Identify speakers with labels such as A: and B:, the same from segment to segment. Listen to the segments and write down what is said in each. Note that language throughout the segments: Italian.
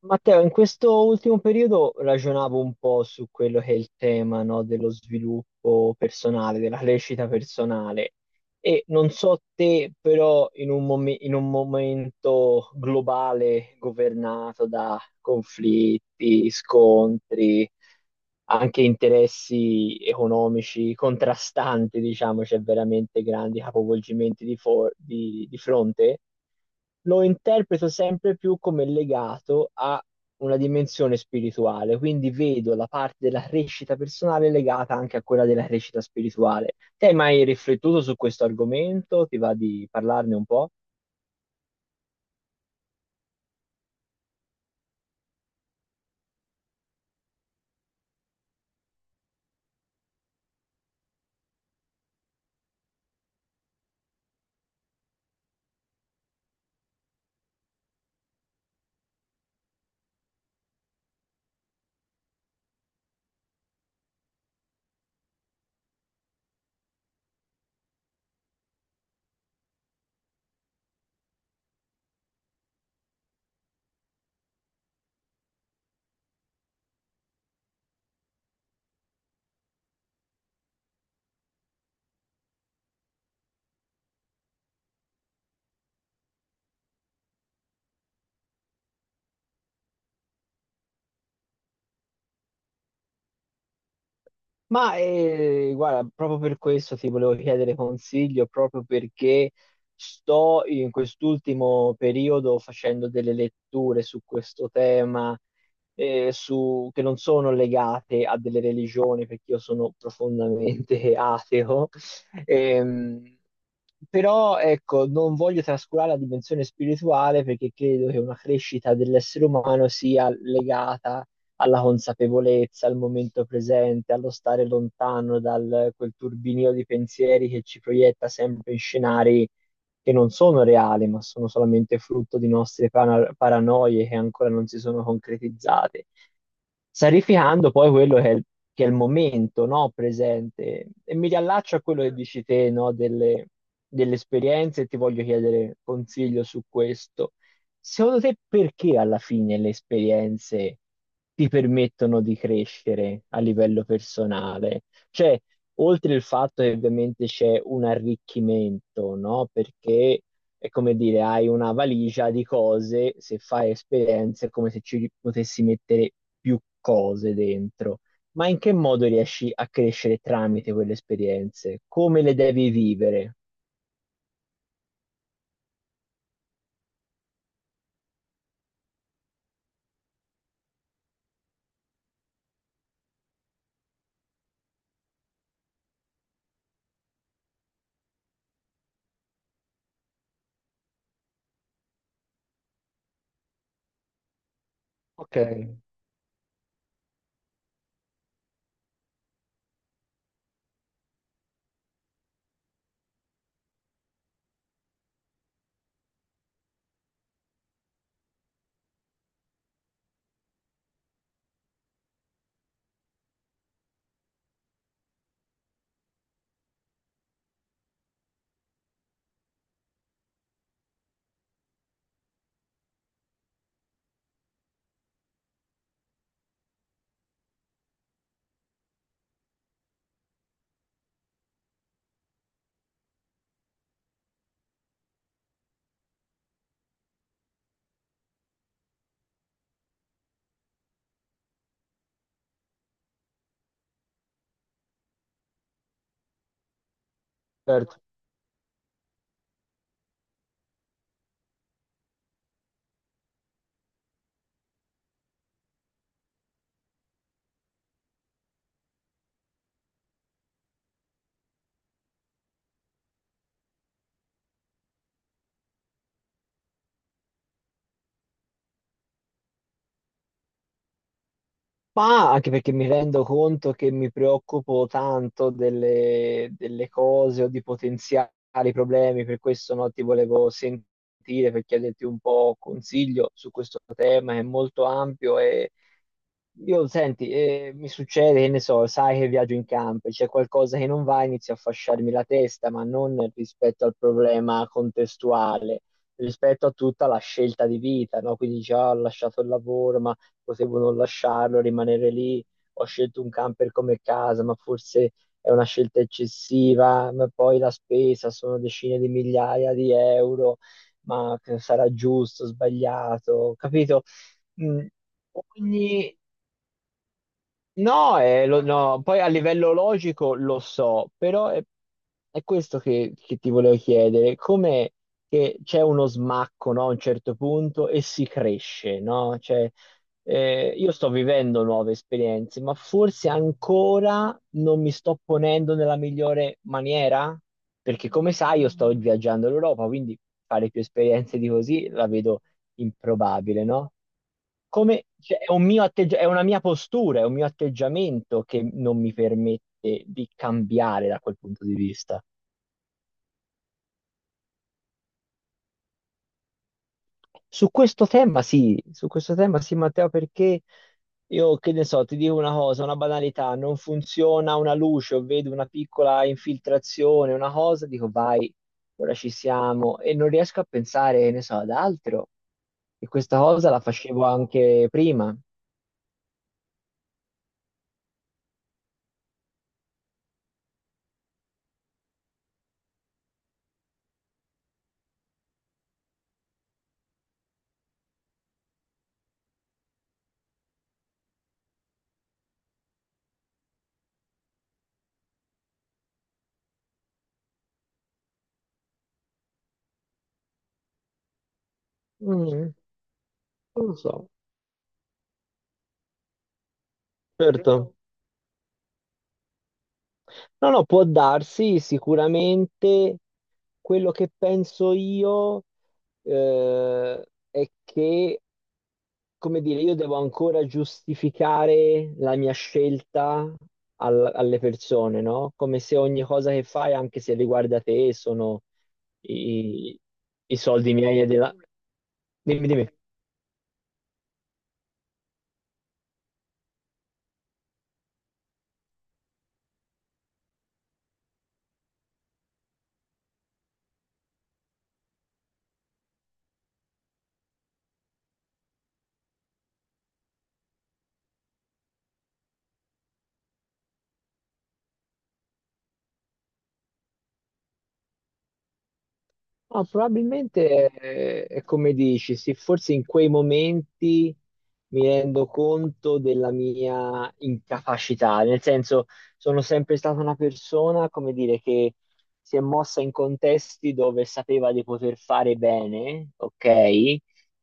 A: Matteo, in questo ultimo periodo ragionavo un po' su quello che è il tema, no, dello sviluppo personale, della crescita personale e non so te, però in un, in un momento globale governato da conflitti, scontri, anche interessi economici contrastanti, diciamo, c'è veramente grandi capovolgimenti di, di fronte, lo interpreto sempre più come legato a una dimensione spirituale, quindi vedo la parte della crescita personale legata anche a quella della crescita spirituale. Te hai mai riflettuto su questo argomento? Ti va di parlarne un po'? Ma guarda, proprio per questo ti volevo chiedere consiglio, proprio perché sto in quest'ultimo periodo facendo delle letture su questo tema, che non sono legate a delle religioni, perché io sono profondamente ateo. Ehm, però ecco, non voglio trascurare la dimensione spirituale perché credo che una crescita dell'essere umano sia legata alla consapevolezza, al momento presente, allo stare lontano da quel turbinio di pensieri che ci proietta sempre in scenari che non sono reali, ma sono solamente frutto di nostre paranoie che ancora non si sono concretizzate, sarificando poi quello che è il momento, no, presente. E mi riallaccio a quello che dici te, no, delle, delle esperienze e ti voglio chiedere consiglio su questo. Secondo te perché alla fine le esperienze ti permettono di crescere a livello personale? Cioè, oltre il fatto che ovviamente c'è un arricchimento, no? Perché è come dire, hai una valigia di cose, se fai esperienze è come se ci potessi mettere più cose dentro. Ma in che modo riesci a crescere tramite quelle esperienze? Come le devi vivere? Ok, certo. Ma anche perché mi rendo conto che mi preoccupo tanto delle, delle cose o di potenziali problemi, per questo no, ti volevo sentire per chiederti un po' consiglio su questo tema che è molto ampio e io, senti, mi succede, che ne so, sai che viaggio in campo, c'è qualcosa che non va, inizio a fasciarmi la testa, ma non rispetto al problema contestuale, rispetto a tutta la scelta di vita, no? Quindi già ho lasciato il lavoro, ma potevo non lasciarlo, rimanere lì. Ho scelto un camper come casa, ma forse è una scelta eccessiva, ma poi la spesa sono decine di migliaia di euro, ma che sarà giusto, sbagliato, capito? Mm. Ogni... No, no, poi a livello logico lo so, però è questo che ti volevo chiedere, come che c'è uno smacco, no, a un certo punto e si cresce, no? Cioè, io sto vivendo nuove esperienze, ma forse ancora non mi sto ponendo nella migliore maniera, perché come sai io sto viaggiando l'Europa, quindi fare più esperienze di così la vedo improbabile, no? Come, cioè, è un è una mia postura, è un mio atteggiamento che non mi permette di cambiare da quel punto di vista. Su questo tema sì, su questo tema sì, Matteo, perché io che ne so, ti dico una cosa, una banalità, non funziona una luce o vedo una piccola infiltrazione, una cosa, dico vai, ora ci siamo e non riesco a pensare, che ne so, ad altro. E questa cosa la facevo anche prima. Mm. Non lo so. Certo. No, no, può darsi sicuramente quello che penso io eh, è che, come dire, io devo ancora giustificare la mia scelta alle persone, no? Come se ogni cosa che fai, anche se riguarda te, sono i, i soldi miei e della... Dimmi, dimmi. No, probabilmente è come dici, sì, forse in quei momenti mi rendo conto della mia incapacità, nel senso sono sempre stata una persona, come dire, che si è mossa in contesti dove sapeva di poter fare bene, ok?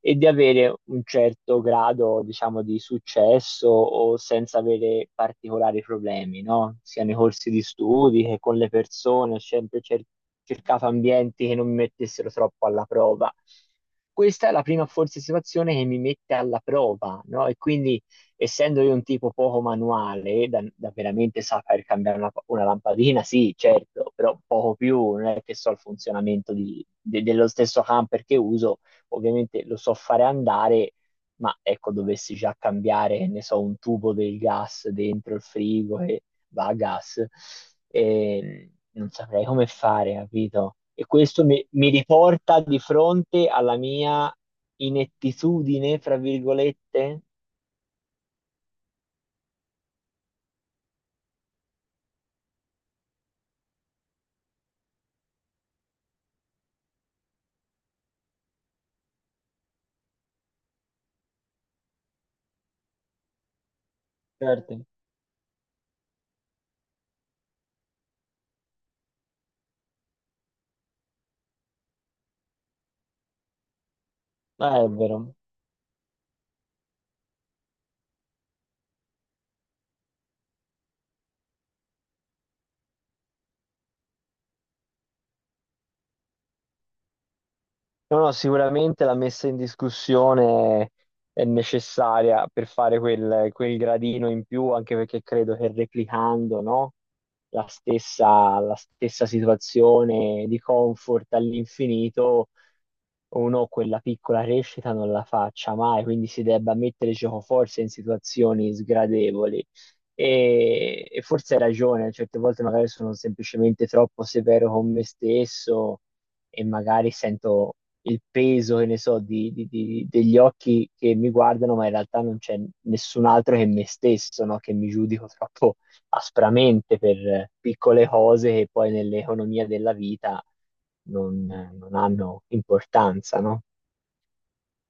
A: E di avere un certo grado, diciamo, di successo o senza avere particolari problemi, no? Sia nei corsi di studi che con le persone, ho sempre cercato ambienti che non mi mettessero troppo alla prova. Questa è la prima forse situazione che mi mette alla prova, no? E quindi, essendo io un tipo poco manuale, da, da veramente saper cambiare una lampadina, sì, certo, però poco più, non è che so il funzionamento dello stesso camper che uso ovviamente lo so fare andare, ma ecco, dovessi già cambiare, ne so, un tubo del gas dentro il frigo e va a gas, e non saprei come fare, capito? E questo mi, mi riporta di fronte alla mia inettitudine, fra virgolette. Certo. È vero. No, no, sicuramente la messa in discussione è necessaria per fare quel, quel gradino in più, anche perché credo che replicando, no, la stessa situazione di comfort all'infinito, uno quella piccola crescita non la faccia mai, quindi si debba mettere giocoforza in situazioni sgradevoli. E forse hai ragione, certe volte magari sono semplicemente troppo severo con me stesso e magari sento il peso, che ne so, degli occhi che mi guardano, ma in realtà non c'è nessun altro che me stesso, no? Che mi giudico troppo aspramente per piccole cose che poi nell'economia della vita non, non hanno importanza, no?